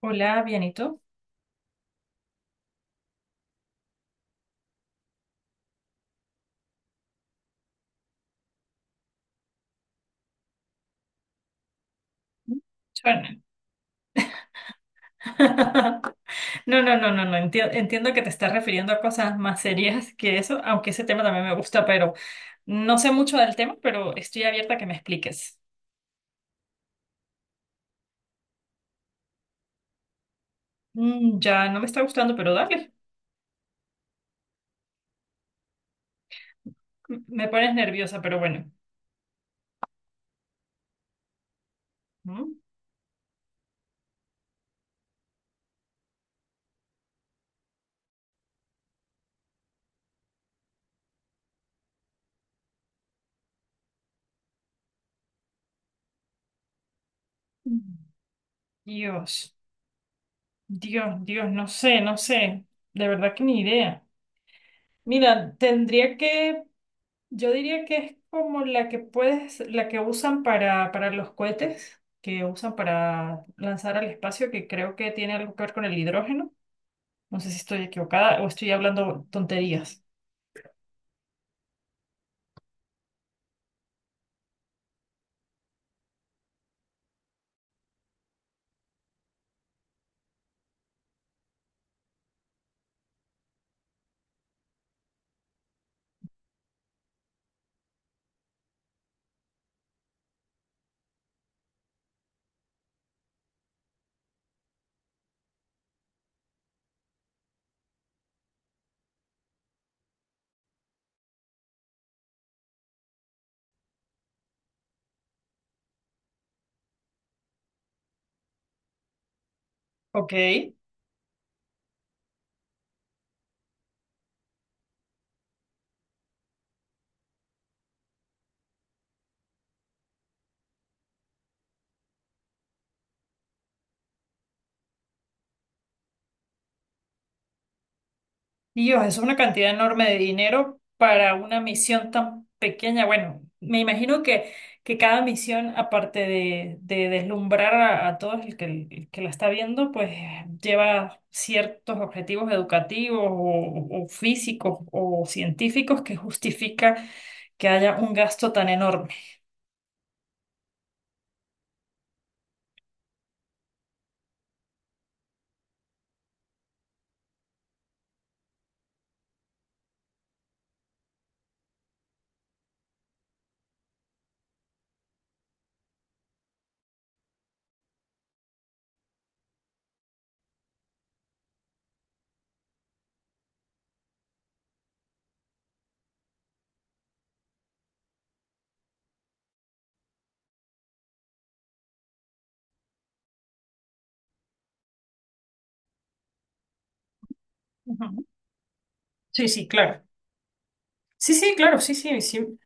Hola, bien, ¿y tú? Suena. No, no, no, no, no. Entiendo que te estás refiriendo a cosas más serias que eso, aunque ese tema también me gusta, pero no sé mucho del tema, pero estoy abierta a que me expliques. Mm, ya no me está gustando, pero dale. Me pones nerviosa, pero bueno. Mm. Dios, Dios, no sé, no sé. De verdad que ni idea. Mira, tendría que yo diría que es como la que puedes, la que usan para los cohetes, que usan para lanzar al espacio, que creo que tiene algo que ver con el hidrógeno. No sé si estoy equivocada o estoy hablando tonterías. Ok. Dios, es una cantidad enorme de dinero para una misión tan pequeña. Bueno, me imagino que cada misión, aparte de deslumbrar a todos el que la está viendo, pues lleva ciertos objetivos educativos o físicos o científicos que justifica que haya un gasto tan enorme. Ujú. Sí, sí, claro. Sí, sí, claro, sí, sí, sí.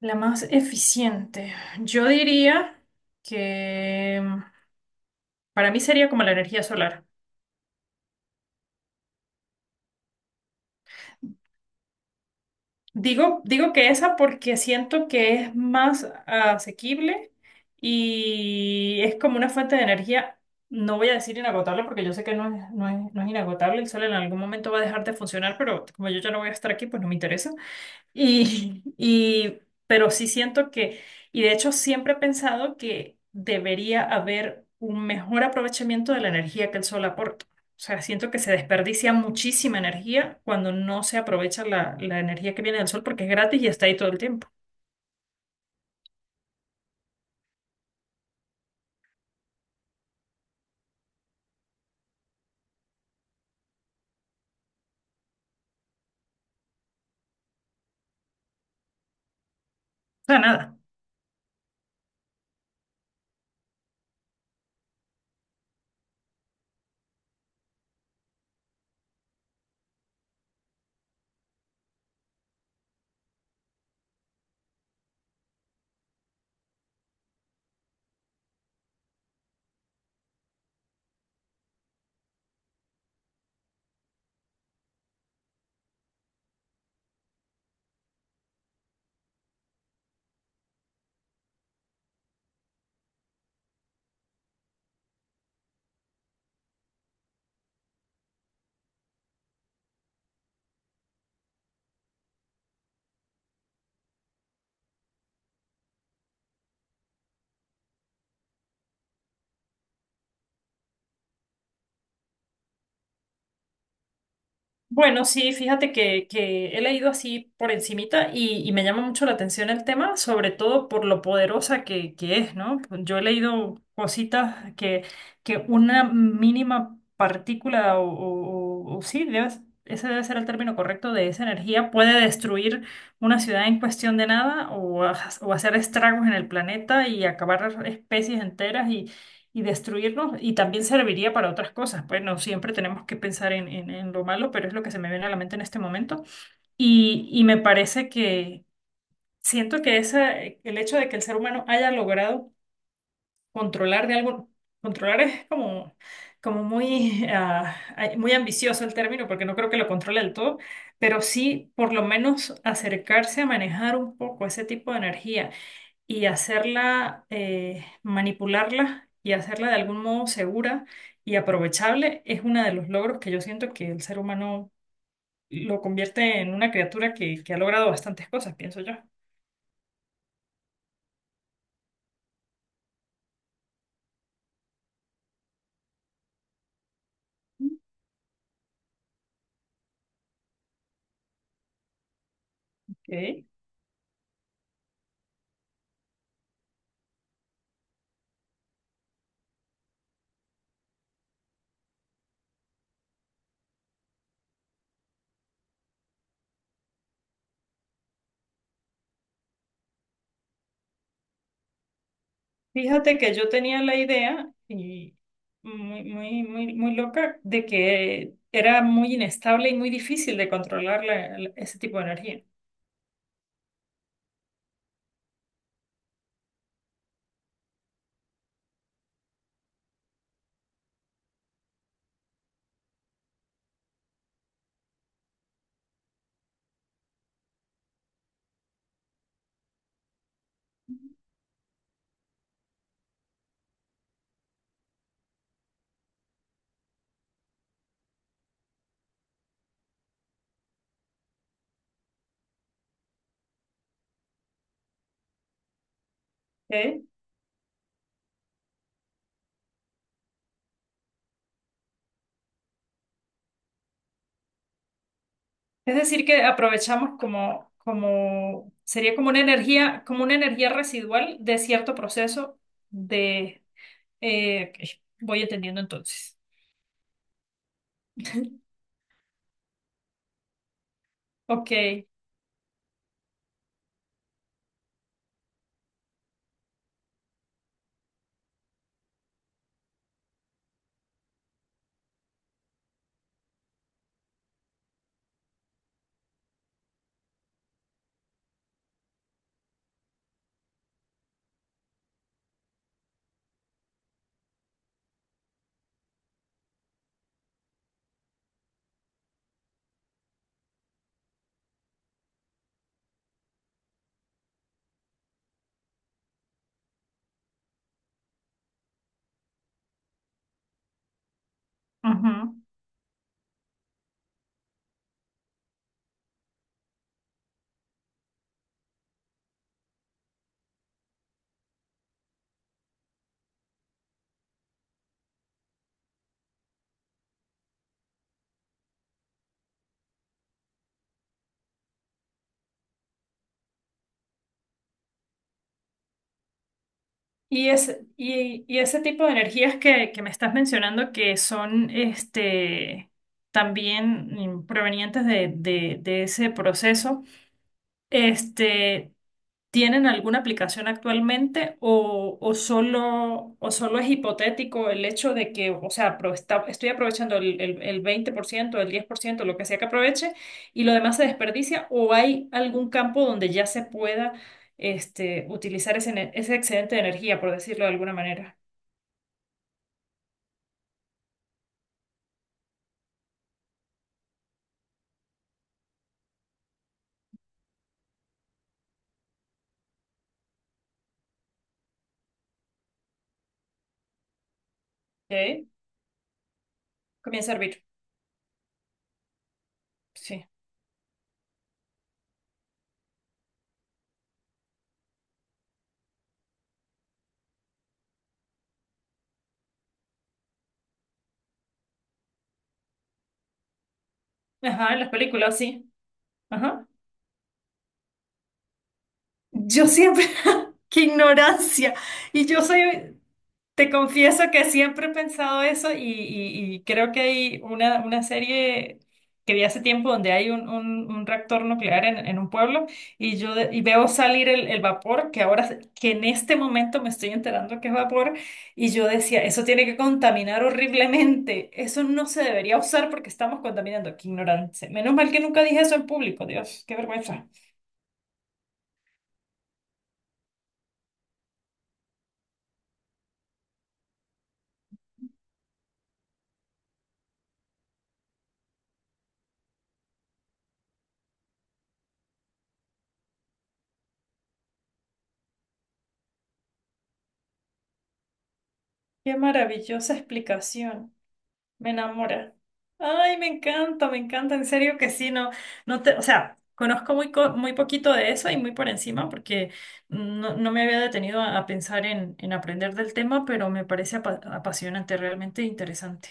La más eficiente. Yo diría que... para mí sería como la energía solar. Digo que esa porque siento que es más asequible y es como una fuente de energía, no voy a decir inagotable porque yo sé que no es, no es, no es inagotable, el sol en algún momento va a dejar de funcionar, pero como yo ya no voy a estar aquí, pues no me interesa. Y, y, pero sí siento que, y de hecho siempre he pensado que debería haber un mejor aprovechamiento de la energía que el sol aporta. O sea, siento que se desperdicia muchísima energía cuando no se aprovecha la energía que viene del sol porque es gratis y está ahí todo el tiempo. O sea, nada. Bueno, sí, fíjate que he leído así por encimita y me llama mucho la atención el tema, sobre todo por lo poderosa que es, ¿no? Yo he leído cositas que una mínima partícula o, o sí, ese debe ser el término correcto de esa energía, puede destruir una ciudad en cuestión de nada o, o hacer estragos en el planeta y acabar especies enteras y destruirnos y también serviría para otras cosas. Pues no siempre tenemos que pensar en, en lo malo, pero es lo que se me viene a la mente en este momento. Y me parece que siento que esa, el hecho de que el ser humano haya logrado controlar de algo, controlar es como, como muy, ah, ay, muy ambicioso el término, porque no creo que lo controle del todo, pero sí por lo menos acercarse a manejar un poco ese tipo de energía y hacerla, manipularla y hacerla de algún modo segura y aprovechable es uno de los logros que yo siento que el ser humano lo convierte en una criatura que ha logrado bastantes cosas, pienso yo. Ok. Fíjate que yo tenía la idea y muy, muy, muy, muy loca de que era muy inestable y muy difícil de controlar ese tipo de energía. Ok. Es decir, que aprovechamos como, como, sería como una energía residual de cierto proceso de, ok, voy entendiendo entonces. Ok. Ujú. Y ese tipo de energías que me estás mencionando que son este, también mm, provenientes de ese proceso, este, ¿tienen alguna aplicación actualmente o solo es hipotético el hecho de que, o sea, estoy aprovechando el 20% el 10% lo que sea que aproveche, y lo demás se desperdicia? ¿O hay algún campo donde ya se pueda este, utilizar ese, ese excedente de energía, por decirlo de alguna manera? ¿Ok? Comienza a hervir. Sí. Ajá, en las películas, sí. Ajá. Yo siempre, qué ignorancia. Y yo soy, te confieso que siempre he pensado eso y, y creo que hay una serie que vi hace tiempo donde hay un, un reactor nuclear en un pueblo y yo y veo salir el vapor que ahora, que en este momento me estoy enterando que es vapor y yo decía, eso tiene que contaminar horriblemente, eso no se debería usar porque estamos contaminando. Qué ignorancia. Menos mal que nunca dije eso en público, Dios, qué vergüenza. Qué maravillosa explicación. Me enamora. Ay, me encanta, me encanta. En serio que sí, no, no te, o sea, conozco muy, muy poquito de eso y muy por encima porque no, no me había detenido a pensar en aprender del tema, pero me parece apasionante, realmente interesante.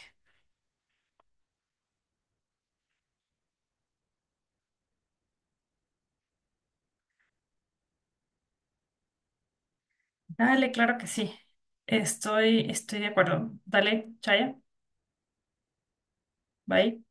Dale, claro que sí. Estoy, estoy de acuerdo. Dale, Chaya, bye.